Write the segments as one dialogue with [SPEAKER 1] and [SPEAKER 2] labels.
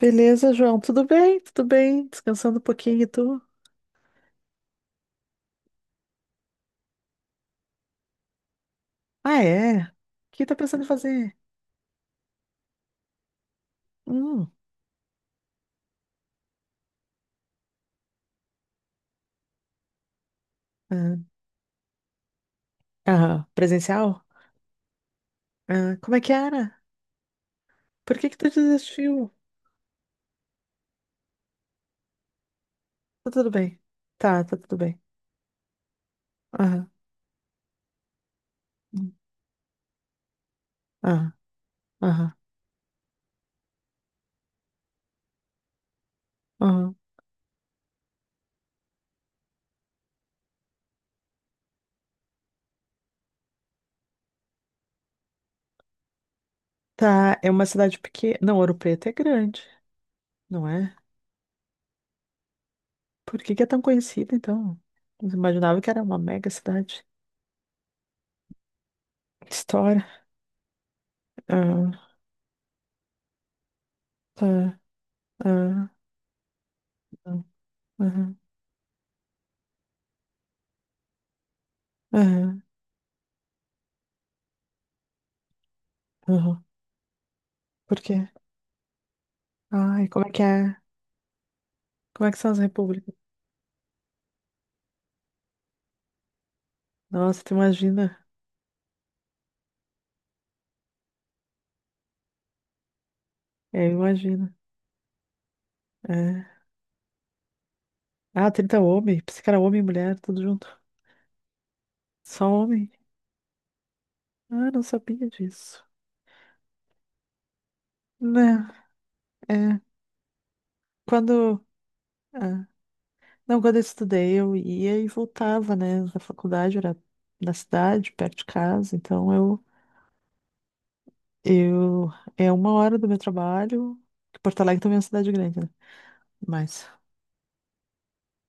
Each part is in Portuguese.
[SPEAKER 1] Beleza, João? Tudo bem? Tudo bem? Descansando um pouquinho e tu? Ah, é? O que tá pensando em fazer? Hum, ah, ah, presencial? Ah, como é que era? Por que que tu desistiu? Tá tudo bem. Tá tudo bem. Aham, hum, aham, aham, aham. Tá, é uma cidade pequena. Não, Ouro Preto é grande, não é? Por que que é tão conhecida, então? Eu imaginava que era uma mega cidade. História. Ah, tá, ah, ah, aham, aham, aham. Por quê? Ai, como é que é? Como é que são as repúblicas? Nossa, tu imagina? É, imagina. É. Ah, 30 homem. Pensei que era homem e mulher, tudo junto. Só homem? Ah, não sabia disso. Né, é. Quando. ah, Não, quando eu estudei, eu ia e voltava, né? Da faculdade, era na cidade, perto de casa. Eu. É uma hora do meu trabalho. Que Porto Alegre também é uma cidade grande, né? Mas.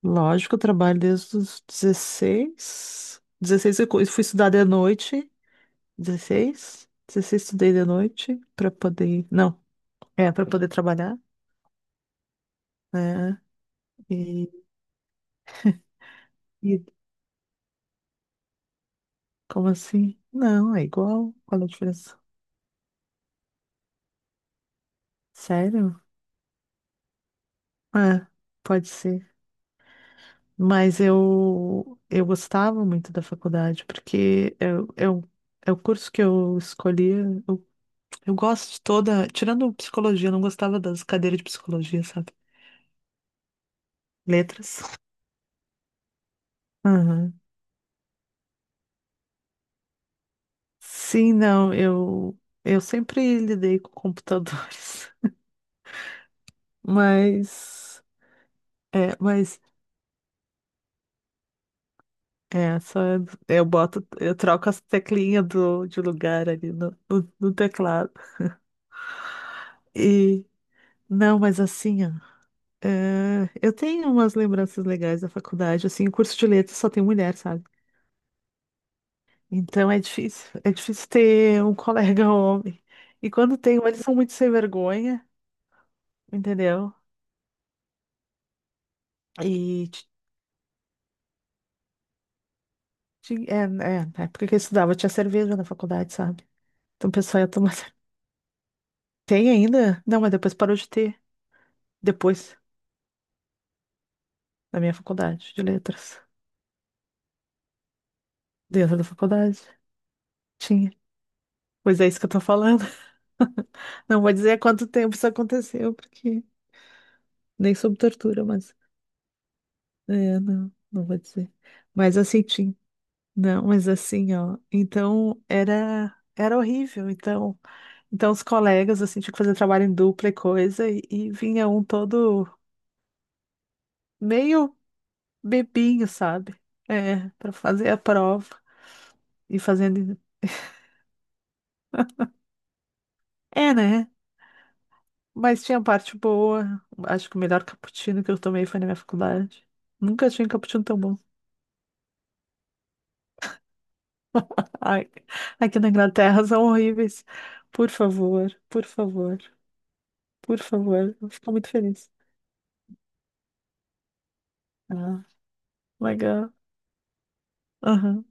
[SPEAKER 1] Lógico, eu trabalho desde os dezesseis eu fui estudar de noite. Dezesseis 16 estudei de noite para poder. Não, é para poder trabalhar, né? E, e Como assim? Não, é igual. Qual é a diferença? Sério? É, pode ser. Mas eu gostava muito da faculdade, porque é o curso que eu escolhi. Eu, eu gosto de toda. Tirando psicologia, eu não gostava das cadeiras de psicologia, sabe? Letras. Aham. Sim, não, eu sempre lidei com computadores, mas, mas, é, só eu boto, eu troco as teclinhas do, de lugar ali no teclado. E, não, mas assim, ó, é, eu tenho umas lembranças legais da faculdade, assim, o curso de letras só tem mulher, sabe? Então é difícil ter um colega homem. E quando tem, eles são muito sem vergonha, entendeu? E Ti- É, é, na época que eu estudava tinha cerveja na faculdade, sabe? Então o pessoal ia tomar. Tem ainda? Não, mas depois parou de ter. Depois, na minha faculdade de letras. Dentro da faculdade, tinha. Pois é isso que eu tô falando. Não vou dizer há quanto tempo isso aconteceu, porque nem sob tortura, mas. É, não, não vou dizer. Mas assim, tinha. Não, mas assim, ó. Então era horrível. Então. Então, os colegas, assim, tinham que fazer trabalho em dupla e coisa, e vinha um todo meio bebinho, sabe? É, para fazer a prova e fazendo. É, né? Mas tinha parte boa. Acho que o melhor cappuccino que eu tomei foi na minha faculdade. Nunca tinha um cappuccino tão bom. Ai, aqui na Inglaterra são horríveis. Por favor, por favor, por favor. Eu fico muito feliz. Ah, legal. Aham.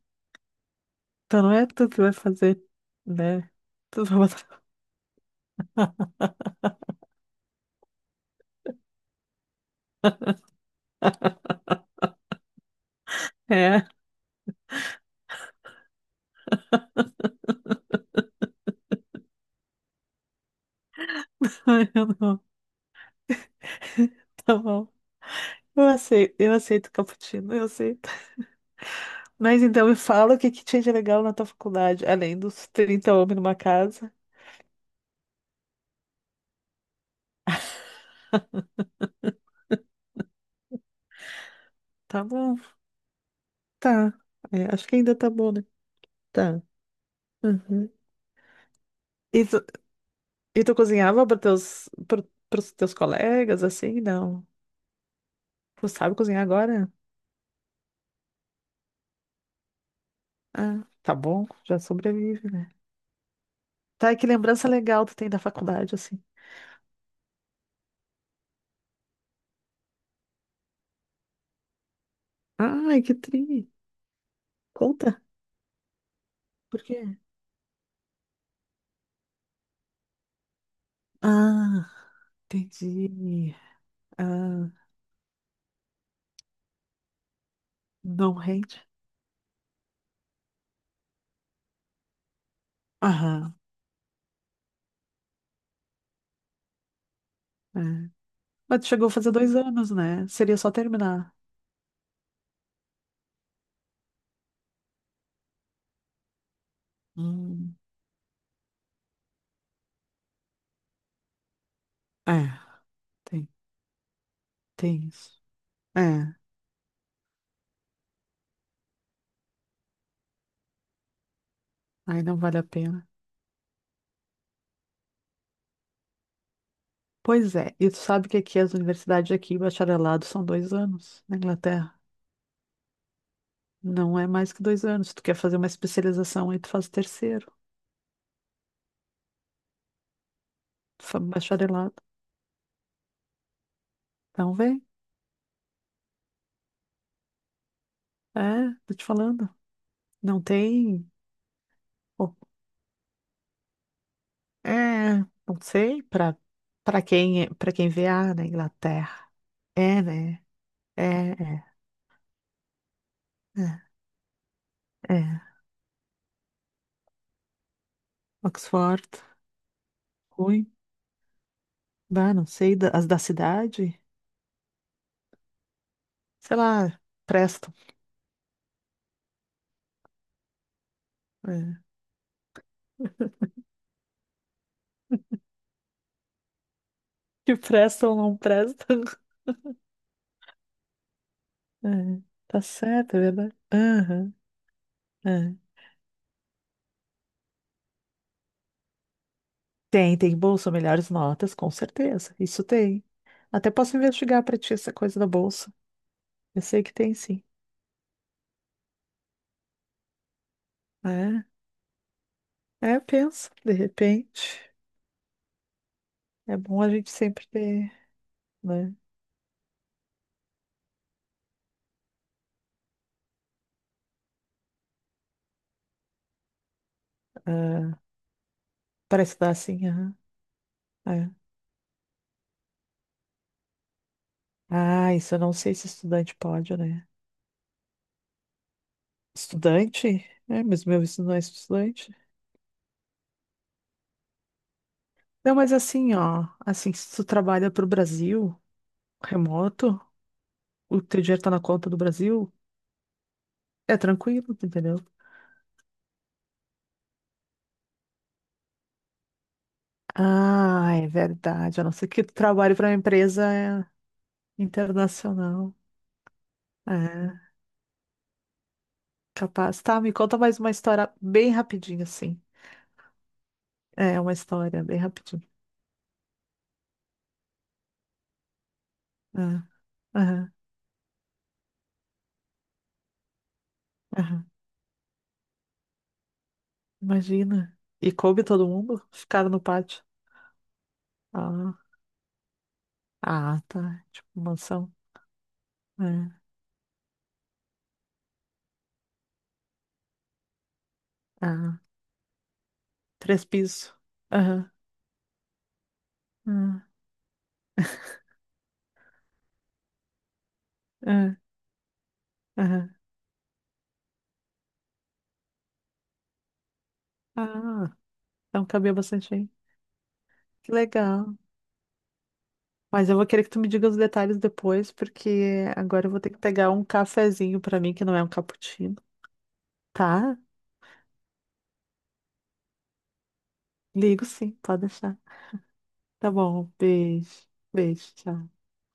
[SPEAKER 1] Então não é tu que vai fazer, né? Tu vai botar. É, eu não. Tá bom. Eu aceito cappuccino, eu aceito. Mas então me fala o que que tinha de legal na tua faculdade, além dos trinta homens numa casa. Tá bom. Tá. É, acho que ainda tá bom, né? Tá. Uhum. E tu, e tu cozinhava para teus, pros teus colegas, assim? Não. Tu sabe cozinhar agora? Ah, tá bom. Já sobrevive, né? Tá, e que lembrança legal tu tem da faculdade, assim. Ai, que tri. Conta. Por quê? Ah, entendi. Ah, não rende? Aham. É. Mas tu chegou a fazer dois anos, né? Seria só terminar. Hum, é, tem, tem isso. É, aí não vale a pena. Pois é, e tu sabe que aqui as universidades aqui, bacharelado, são dois anos na Inglaterra. Não é mais que dois anos. Se tu quer fazer uma especialização, aí tu faz o terceiro, tu faz bacharelado. Então vem. É, tô te falando. Não tem. Bom, é, não sei, pra quem, para quem vê, ah, na Inglaterra. É, né? É, é, é, é. Oxford. Ruim. Bah, não sei, as da cidade, sei lá, prestam. É. Que prestam ou não prestam. É, tá certo, é verdade. Aham, é. Tem, tem bolsa, melhores notas, com certeza. Isso tem. Até posso investigar pra ti essa coisa da bolsa. Eu sei que tem, sim. É, é, pensa, de repente. É bom a gente sempre ter, né? Ah, pra estudar assim, aham. É. Ah, isso eu não sei se estudante pode, né? Estudante? É, mas meu visto não é estudante. Não, mas assim, ó, assim, se tu trabalha pro Brasil, remoto, o teu dinheiro tá na conta do Brasil, é tranquilo, tu entendeu? Ah, é verdade, a não ser que tu trabalhe pra uma empresa é, internacional. É, capaz. Tá, me conta mais uma história bem rapidinho, assim. É, uma história bem rapidinho. É, aham, aham. Imagina. E coube todo mundo? Ficaram no pátio. Ah, ah, tá. Tipo, mansão. É, ah, três pisos. Aham, aham. Ah, aham. Ah, então cabia bastante aí. Que legal. Mas eu vou querer que tu me diga os detalhes depois, porque agora eu vou ter que pegar um cafezinho pra mim, que não é um cappuccino. Tá? Ligo sim, pode deixar. Tá bom, beijo. Beijo, tchau.